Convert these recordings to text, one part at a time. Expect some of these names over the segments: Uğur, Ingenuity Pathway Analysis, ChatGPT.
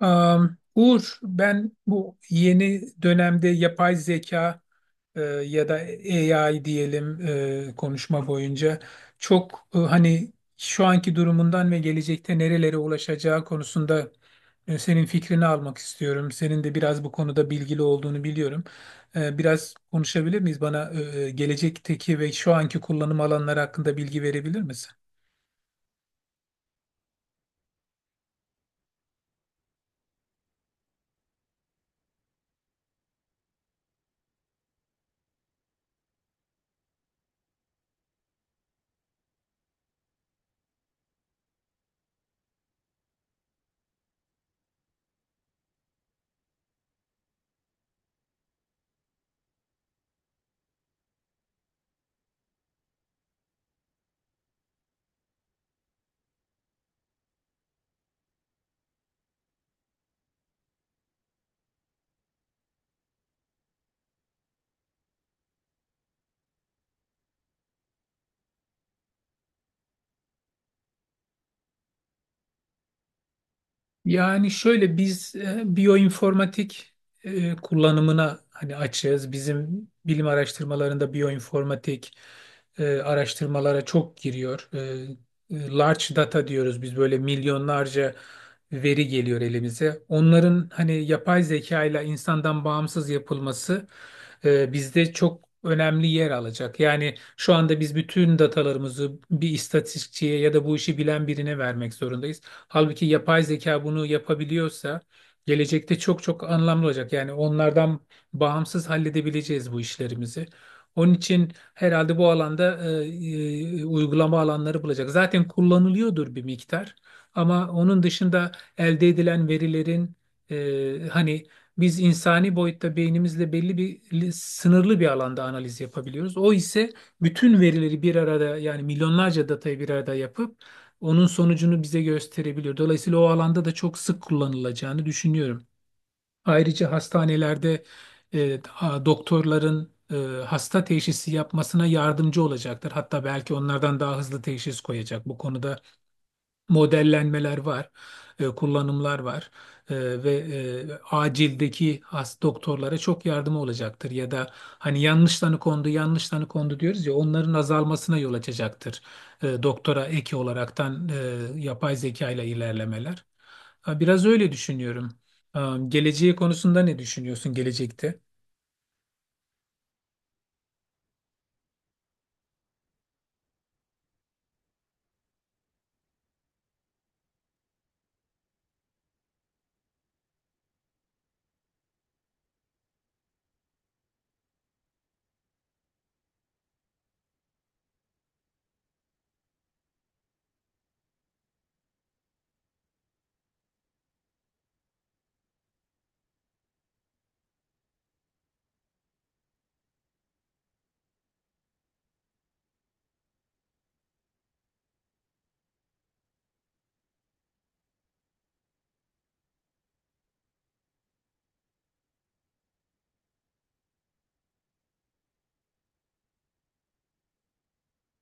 Uğur, ben bu yeni dönemde yapay zeka ya da AI diyelim, konuşma boyunca çok, hani şu anki durumundan ve gelecekte nerelere ulaşacağı konusunda, senin fikrini almak istiyorum. Senin de biraz bu konuda bilgili olduğunu biliyorum. Biraz konuşabilir miyiz? Bana gelecekteki ve şu anki kullanım alanları hakkında bilgi verebilir misin? Yani şöyle biz biyoinformatik kullanımına hani açığız. Bizim bilim araştırmalarında biyoinformatik araştırmalara çok giriyor. Large data diyoruz biz, böyle milyonlarca veri geliyor elimize. Onların hani yapay zeka ile insandan bağımsız yapılması, bizde çok önemli yer alacak. Yani şu anda biz bütün datalarımızı bir istatistikçiye ya da bu işi bilen birine vermek zorundayız. Halbuki yapay zeka bunu yapabiliyorsa gelecekte çok çok anlamlı olacak. Yani onlardan bağımsız halledebileceğiz bu işlerimizi. Onun için herhalde bu alanda uygulama alanları bulacak. Zaten kullanılıyordur bir miktar, ama onun dışında elde edilen verilerin, hani, biz insani boyutta beynimizle belli bir sınırlı bir alanda analiz yapabiliyoruz. O ise bütün verileri bir arada, yani milyonlarca datayı bir arada yapıp onun sonucunu bize gösterebiliyor. Dolayısıyla o alanda da çok sık kullanılacağını düşünüyorum. Ayrıca hastanelerde e, doktorların hasta teşhisi yapmasına yardımcı olacaktır. Hatta belki onlardan daha hızlı teşhis koyacak. Bu konuda modellenmeler var, kullanımlar var. E, Ve acildeki doktorlara çok yardımı olacaktır, ya da hani yanlış tanı kondu, yanlış tanı kondu diyoruz ya, onların azalmasına yol açacaktır. Doktora eki olaraktan, yapay zeka ile ilerlemeler. Ha, biraz öyle düşünüyorum. Geleceği konusunda ne düşünüyorsun gelecekte?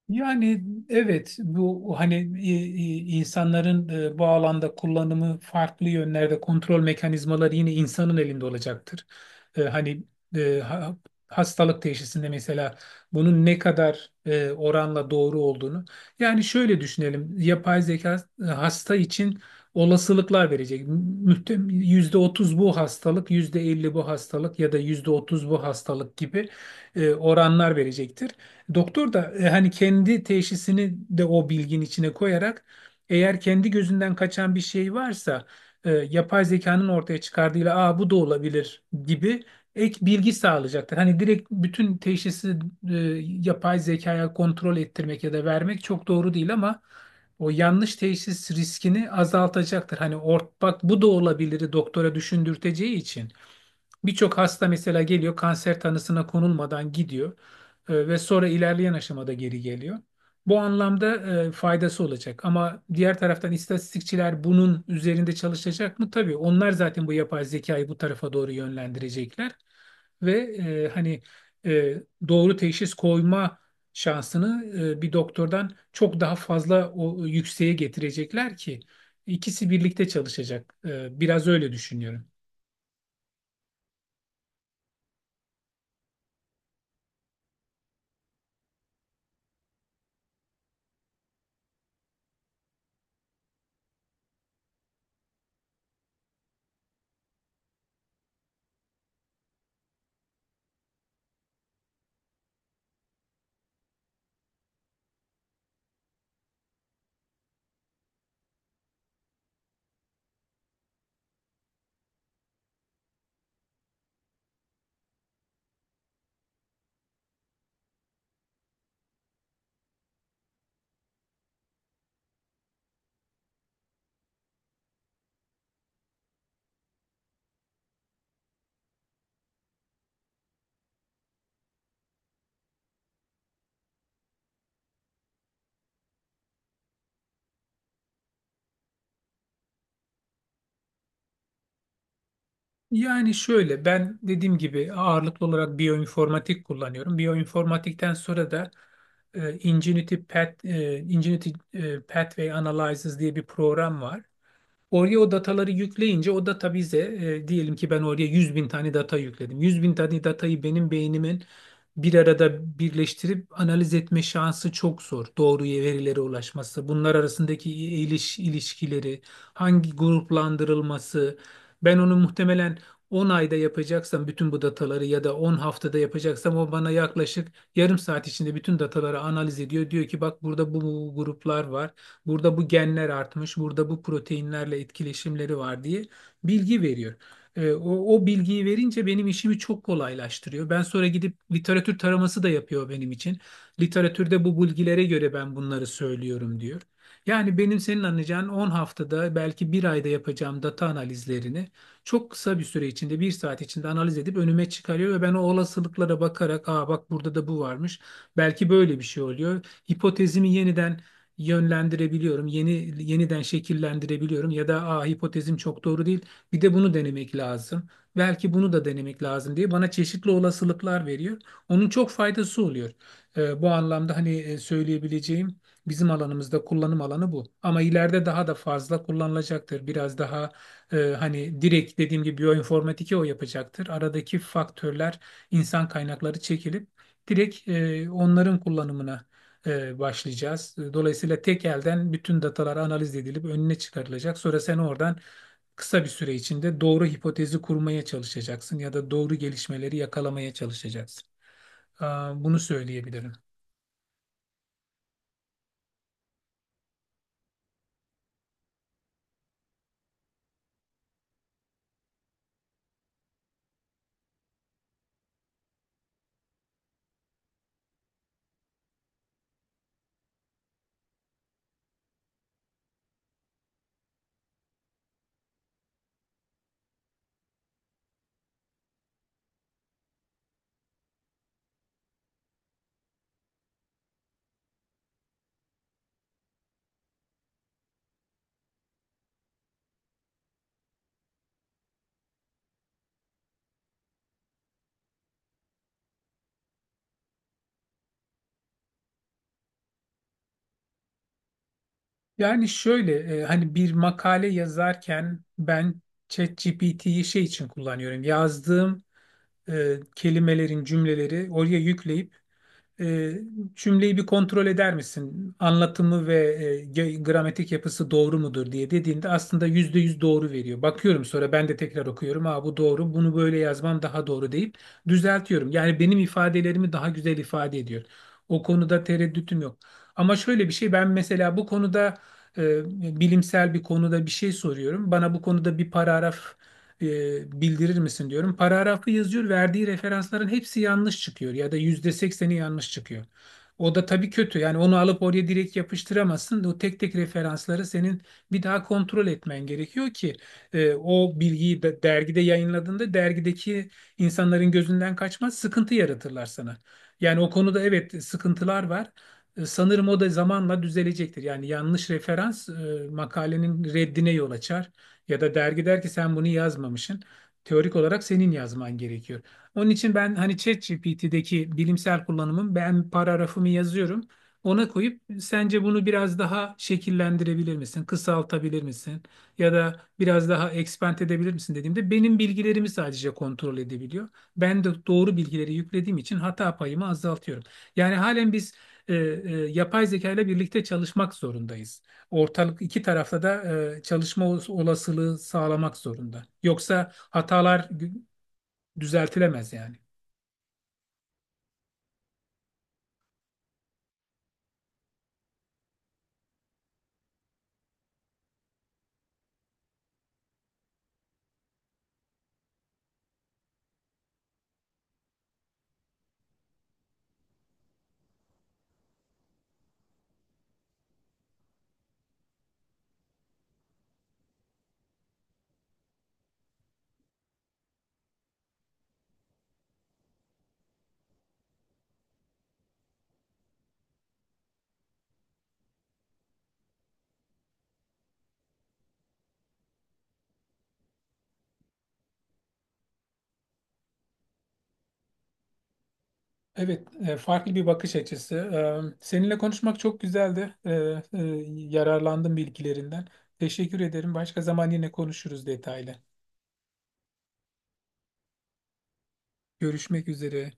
Yani evet bu hani, e, insanların, bu alanda kullanımı farklı yönlerde kontrol mekanizmaları yine insanın elinde olacaktır. Hani, e, ha- hastalık teşhisinde mesela bunun ne kadar oranla doğru olduğunu. Yani şöyle düşünelim, yapay zeka hasta için olasılıklar verecek. Yüzde otuz bu hastalık, %50 bu hastalık ya da %30 bu hastalık gibi oranlar verecektir. Doktor da hani kendi teşhisini de o bilgin içine koyarak, eğer kendi gözünden kaçan bir şey varsa, yapay zekanın ortaya çıkardığıyla, aa bu da olabilir gibi, ek bilgi sağlayacaktır. Hani direkt bütün teşhisi e, yapay zekaya kontrol ettirmek ya da vermek çok doğru değil, ama o yanlış teşhis riskini azaltacaktır. Hani bak bu da olabilir, doktora düşündürteceği için. Birçok hasta mesela geliyor, kanser tanısına konulmadan gidiyor, ve sonra ilerleyen aşamada geri geliyor. Bu anlamda faydası olacak, ama diğer taraftan istatistikçiler bunun üzerinde çalışacak mı? Tabii onlar zaten bu yapay zekayı bu tarafa doğru yönlendirecekler ve hani e, doğru teşhis koyma şansını bir doktordan çok daha fazla o yükseğe getirecekler ki, ikisi birlikte çalışacak. Biraz öyle düşünüyorum. Yani şöyle, ben dediğim gibi ağırlıklı olarak biyoinformatik kullanıyorum. Biyoinformatikten sonra da, e, Ingenuity Pathway Analysis diye bir program var. Oraya o dataları yükleyince o data bize, diyelim ki ben oraya 100 bin tane data yükledim. 100 bin tane datayı benim beynimin bir arada birleştirip analiz etme şansı çok zor. Doğru verilere ulaşması, bunlar arasındaki ilişkileri, hangi gruplandırılması. Ben onu muhtemelen 10 ayda yapacaksam bütün bu dataları, ya da 10 haftada yapacaksam, o bana yaklaşık yarım saat içinde bütün dataları analiz ediyor. Diyor ki bak, burada bu gruplar var. Burada bu genler artmış, burada bu proteinlerle etkileşimleri var diye bilgi veriyor. O bilgiyi verince benim işimi çok kolaylaştırıyor. Ben sonra gidip literatür taraması da yapıyor benim için. Literatürde bu bilgilere göre ben bunları söylüyorum, diyor. Yani benim senin anlayacağın, 10 haftada belki bir ayda yapacağım data analizlerini çok kısa bir süre içinde, bir saat içinde analiz edip önüme çıkarıyor, ve ben o olasılıklara bakarak, aa bak burada da bu varmış, belki böyle bir şey oluyor. Hipotezimi yeniden yönlendirebiliyorum. Yeniden şekillendirebiliyorum, ya da a, hipotezim çok doğru değil. Bir de bunu denemek lazım. Belki bunu da denemek lazım diye bana çeşitli olasılıklar veriyor. Onun çok faydası oluyor. Bu anlamda hani, söyleyebileceğim, bizim alanımızda kullanım alanı bu. Ama ileride daha da fazla kullanılacaktır. Biraz daha hani direkt dediğim gibi biyoinformatike o yapacaktır. Aradaki faktörler, insan kaynakları çekilip direkt, onların kullanımına başlayacağız. Dolayısıyla tek elden bütün datalar analiz edilip önüne çıkarılacak. Sonra sen oradan kısa bir süre içinde doğru hipotezi kurmaya çalışacaksın, ya da doğru gelişmeleri yakalamaya çalışacaksın. Aa, bunu söyleyebilirim. Yani şöyle, hani bir makale yazarken, ben ChatGPT'yi şey için kullanıyorum. Yazdığım kelimelerin cümleleri oraya yükleyip, E, cümleyi bir kontrol eder misin, anlatımı ve gramatik yapısı doğru mudur diye dediğinde aslında %100 doğru veriyor. Bakıyorum sonra, ben de tekrar okuyorum. Aa bu doğru, bunu böyle yazmam daha doğru deyip düzeltiyorum. Yani benim ifadelerimi daha güzel ifade ediyor. O konuda tereddütüm yok. Ama şöyle bir şey, ben mesela bu konuda bilimsel bir konuda bir şey soruyorum. Bana bu konuda bir paragraf bildirir misin diyorum. Paragrafı yazıyor, verdiği referansların hepsi yanlış çıkıyor, ya da %80'i yanlış çıkıyor. O da tabii kötü. Yani onu alıp oraya direkt yapıştıramazsın. O tek tek referansları senin bir daha kontrol etmen gerekiyor ki, o bilgiyi de, dergide yayınladığında dergideki insanların gözünden kaçmaz, sıkıntı yaratırlar sana. Yani o konuda evet, sıkıntılar var. Sanırım o da zamanla düzelecektir. Yani yanlış referans, makalenin reddine yol açar, ya da dergi der ki sen bunu yazmamışsın. Teorik olarak senin yazman gerekiyor. Onun için, ben hani ChatGPT'deki bilimsel kullanımım, ben paragrafımı yazıyorum. Ona koyup sence bunu biraz daha şekillendirebilir misin? Kısaltabilir misin? Ya da biraz daha expand edebilir misin dediğimde, benim bilgilerimi sadece kontrol edebiliyor. Ben de doğru bilgileri yüklediğim için hata payımı azaltıyorum. Yani halen biz e, e, yapay zeka ile birlikte çalışmak zorundayız. Ortalık iki tarafta da çalışma olasılığı sağlamak zorunda. Yoksa hatalar düzeltilemez yani. Evet, farklı bir bakış açısı. Seninle konuşmak çok güzeldi. Yararlandım bilgilerinden. Teşekkür ederim. Başka zaman yine konuşuruz detaylı. Görüşmek üzere.